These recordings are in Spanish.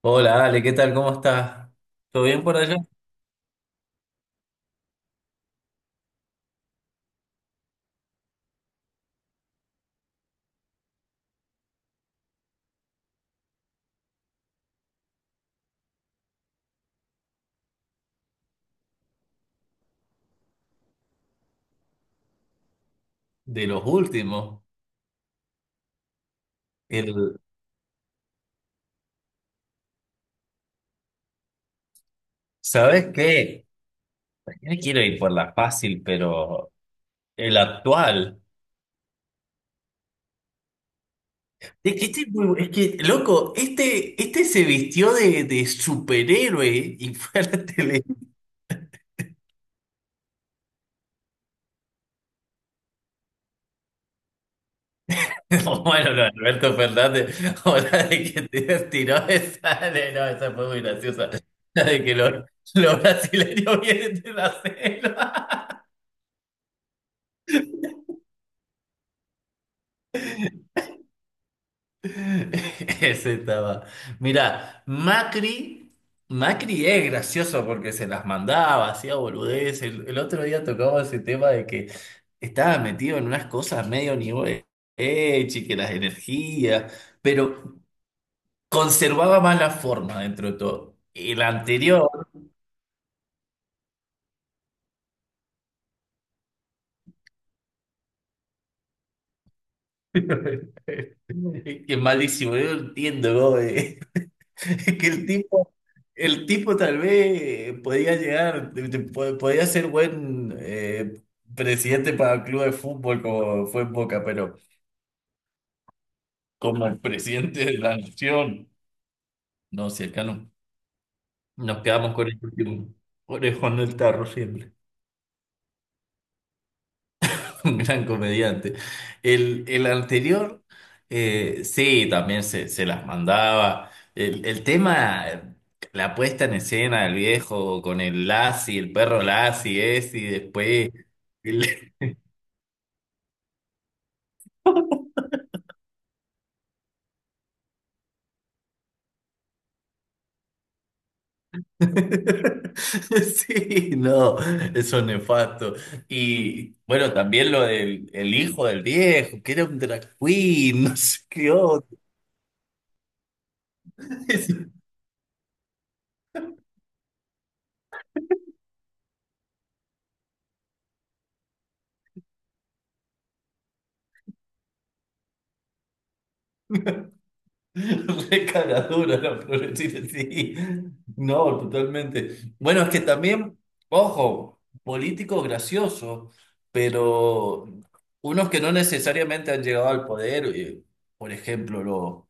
Hola Ale, ¿qué tal? ¿Cómo estás? ¿Todo bien por allá? De los últimos. El, ¿Sabes qué? Yo quiero ir por la fácil, pero el actual. Es que, loco, este se vistió de superhéroe y fue a la tele. Bueno, no, Alberto Fernández, ahora de que te tiró esa, no, esa fue muy graciosa. La de que los brasileños vienen de la selva. Ese estaba. Mira, Macri es gracioso porque se las mandaba, hacía boludez. El otro día tocaba ese tema de que estaba metido en unas cosas medio nivel y que las energías, pero conservaba más la forma dentro de todo. El anterior, que es malísimo, yo no entiendo, ¿no? que el tipo tal vez podía llegar, podía ser buen presidente para el club de fútbol como fue en Boca, pero como presidente de la nación, no, si acá no, nos quedamos con el último orejón del tarro siempre. Un gran comediante. El anterior, sí, también se las mandaba. El tema, la puesta en escena del viejo con el Lassie, el perro Lassie es, y después... el- Sí, no, eso es nefasto. Y bueno, también lo del el hijo del viejo, que era un drag queen, no sé qué otro. Re cagadura la progresista, sí. No, totalmente. Bueno, es que también, ojo, políticos graciosos, pero unos que no necesariamente han llegado al poder, por ejemplo, los,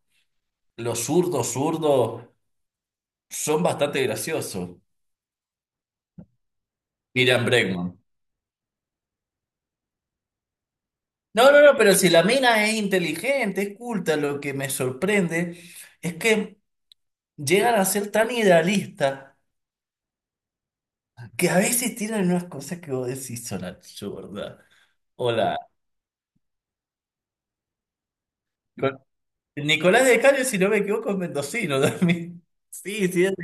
los zurdos zurdos son bastante graciosos. Miriam Bregman. No, no, no, pero si la mina es inteligente, es culta, lo que me sorprende es que llegan a ser tan idealistas que a veces tiran unas cosas que vos decís son absurdas. Hola. Con- Nicolás de Cario, si no me equivoco, es mendocino también. Sí, sí.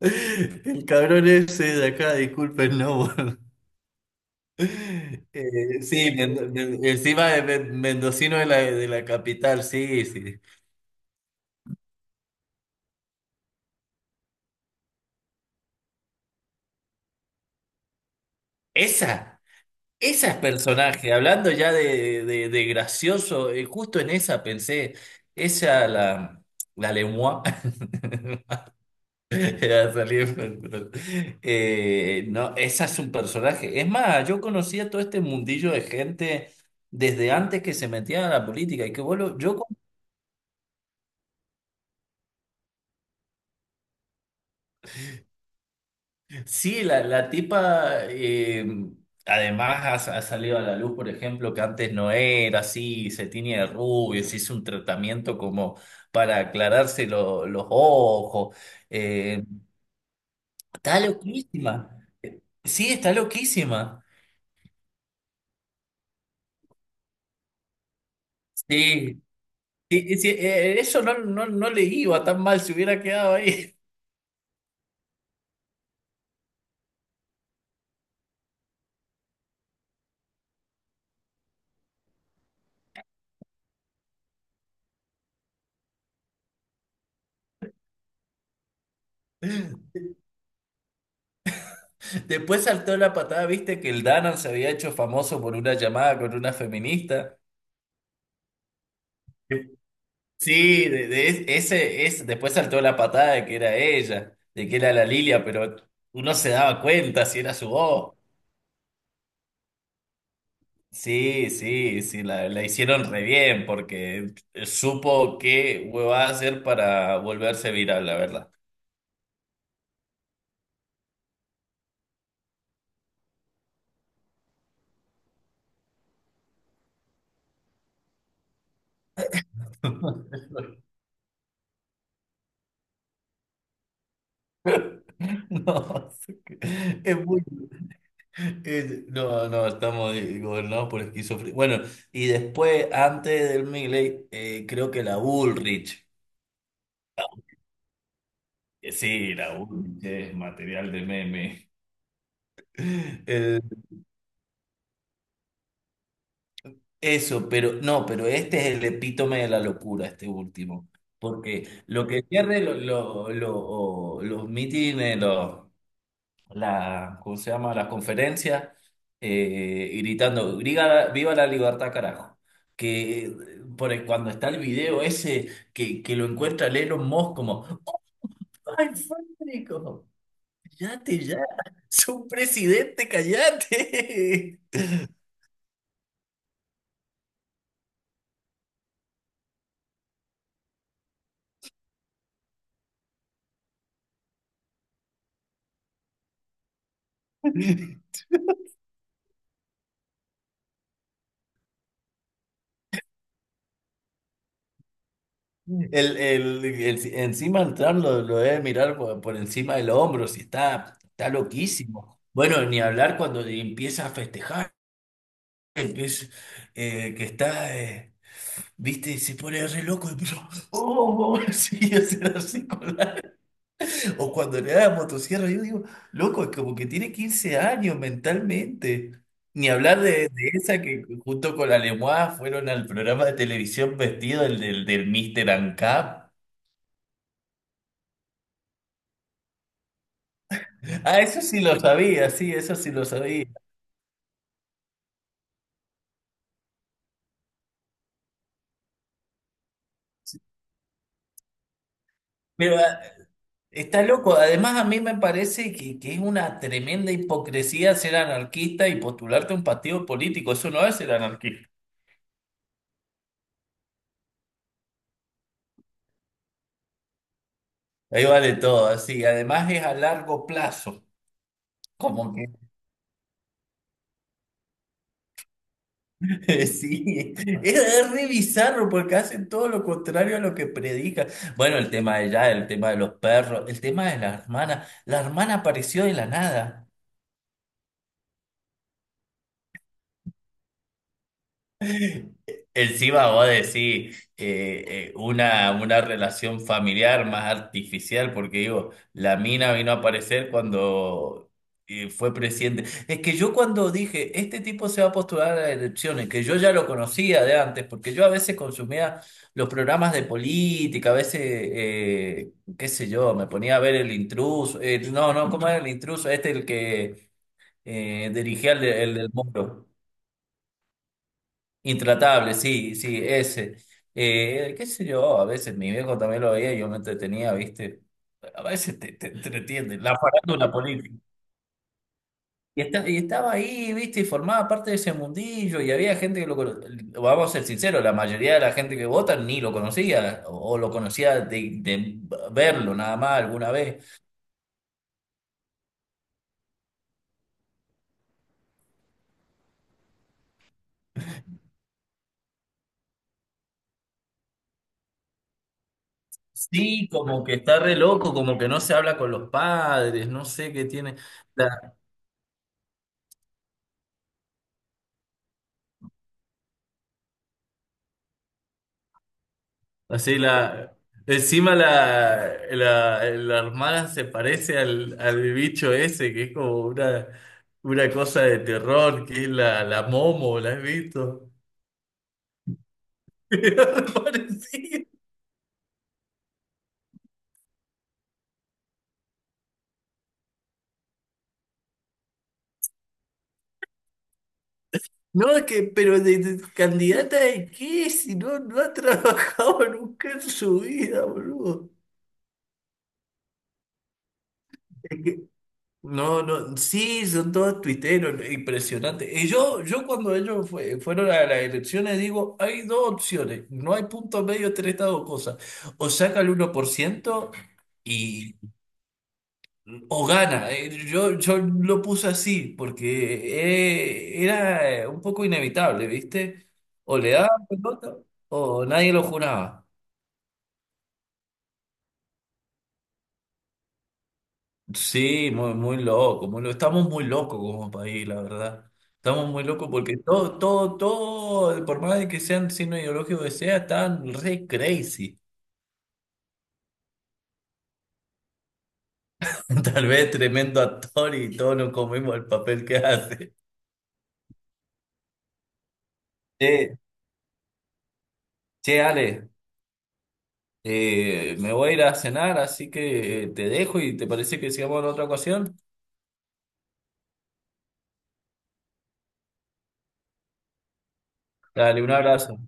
El cabrón ese de acá, disculpen, no. Sí, encima de mendocino de la capital, sí, sí. Esa, esa es personaje. Hablando ya de gracioso, justo en esa pensé, esa la lengua. Era salir con el control. No, esa es un personaje. Es más, yo conocía todo este mundillo de gente desde antes que se metía a la política. Y que vos lo- yo, con- sí, la tipa, además ha salido a la luz, por ejemplo, que antes no era así, se tiñe de rubio, se hizo un tratamiento como para aclararse los ojos. Eh, está loquísima. Sí, está loquísima. Sí. Y si, eso no le iba tan mal si hubiera quedado ahí. Después saltó la patada, viste que el Danan se había hecho famoso por una llamada con una feminista. Sí, de ese, después saltó la patada de que era ella, de que era la Lilia, pero uno se daba cuenta si era su voz. Sí, sí, sí, la hicieron re bien porque supo qué hueva hacer para volverse viral, la verdad. No, es muy. No, no, estamos gobernados por esquizofrenia. Bueno, y después, antes del Milei, creo que la Bullrich, que sí, la Bullrich es material de meme. El- eso, pero no, pero este es el epítome de la locura, este último. Porque lo que pierde los mítines. ¿Cómo se llama? La conferencia, gritando, "Viva, viva la libertad, carajo". Que eh, cuando está el video ese que lo encuentra el Elon Musk como, ¡ay, Federico! ¡Cállate ya! ¡Soy un presidente, cállate! Encima el Trump lo debe mirar por encima del hombro, si está loquísimo. Bueno, ni hablar cuando empieza a festejar, empieza, eh, que está... eh, ¿Viste? Se pone re loco y yo, oh, sí, hacer así con la. O cuando le da la motosierra, yo digo, loco, es como que tiene 15 años mentalmente. Ni hablar de esa que junto con la Lemois fueron al programa de televisión vestido, el del Mr. Ancap. Ah, eso sí lo sabía, sí, eso sí lo sabía. Pero está loco. Además, a mí me parece que es una tremenda hipocresía ser anarquista y postularte a un partido político. Eso no es ser anarquista. Ahí vale todo, así. Además es a largo plazo. Como que sí, es re bizarro porque hacen todo lo contrario a lo que predica. Bueno, el tema de ya, el tema de los perros, el tema de la hermana. La hermana apareció de la nada. Encima vos decís una relación familiar más artificial, porque digo, la mina vino a aparecer cuando fue presidente. Es que yo cuando dije, este tipo se va a postular a las elecciones, que yo ya lo conocía de antes, porque yo a veces consumía los programas de política, a veces, qué sé yo, me ponía a ver el intruso, no, no, ¿cómo era el intruso? Este el que dirigía el del Moro. Intratable, sí, sí, ese. Qué sé yo, a veces mi viejo también lo veía y yo me entretenía, ¿viste? A veces te entretienen, la farándula política. Y estaba ahí, ¿viste? Y formaba parte de ese mundillo y había gente que lo conocía, vamos a ser sinceros, la mayoría de la gente que vota ni lo conocía o, lo conocía de verlo nada más alguna vez. Sí, como que está re loco, como que no se habla con los padres, no sé qué tiene. Así la. Encima la armada se parece al bicho ese, que es como una cosa de terror, que es la Momo, ¿la has visto? Parecido. No, es que, pero de candidata de qué, si no, no ha trabajado nunca en su vida, boludo. No, no, sí, son todos tuiteros, ¿no? Impresionante. Y yo cuando ellos fueron a las elecciones digo, hay dos opciones, no hay punto medio entre estas dos cosas. O saca el 1% y, o gana. Yo lo puse así porque era un poco inevitable, ¿viste? O le daban pelota o nadie lo juraba. Sí, muy, muy loco, muy loco. Estamos muy locos como país, la verdad. Estamos muy locos porque todo, todo, todo, por más de que sean signo ideológico que sea, están re crazy. Tal vez tremendo actor y todos nos comemos el papel que hace. Che, che, Ale, me voy a ir a cenar, así que te dejo y te parece que sigamos en otra ocasión. Dale, un abrazo.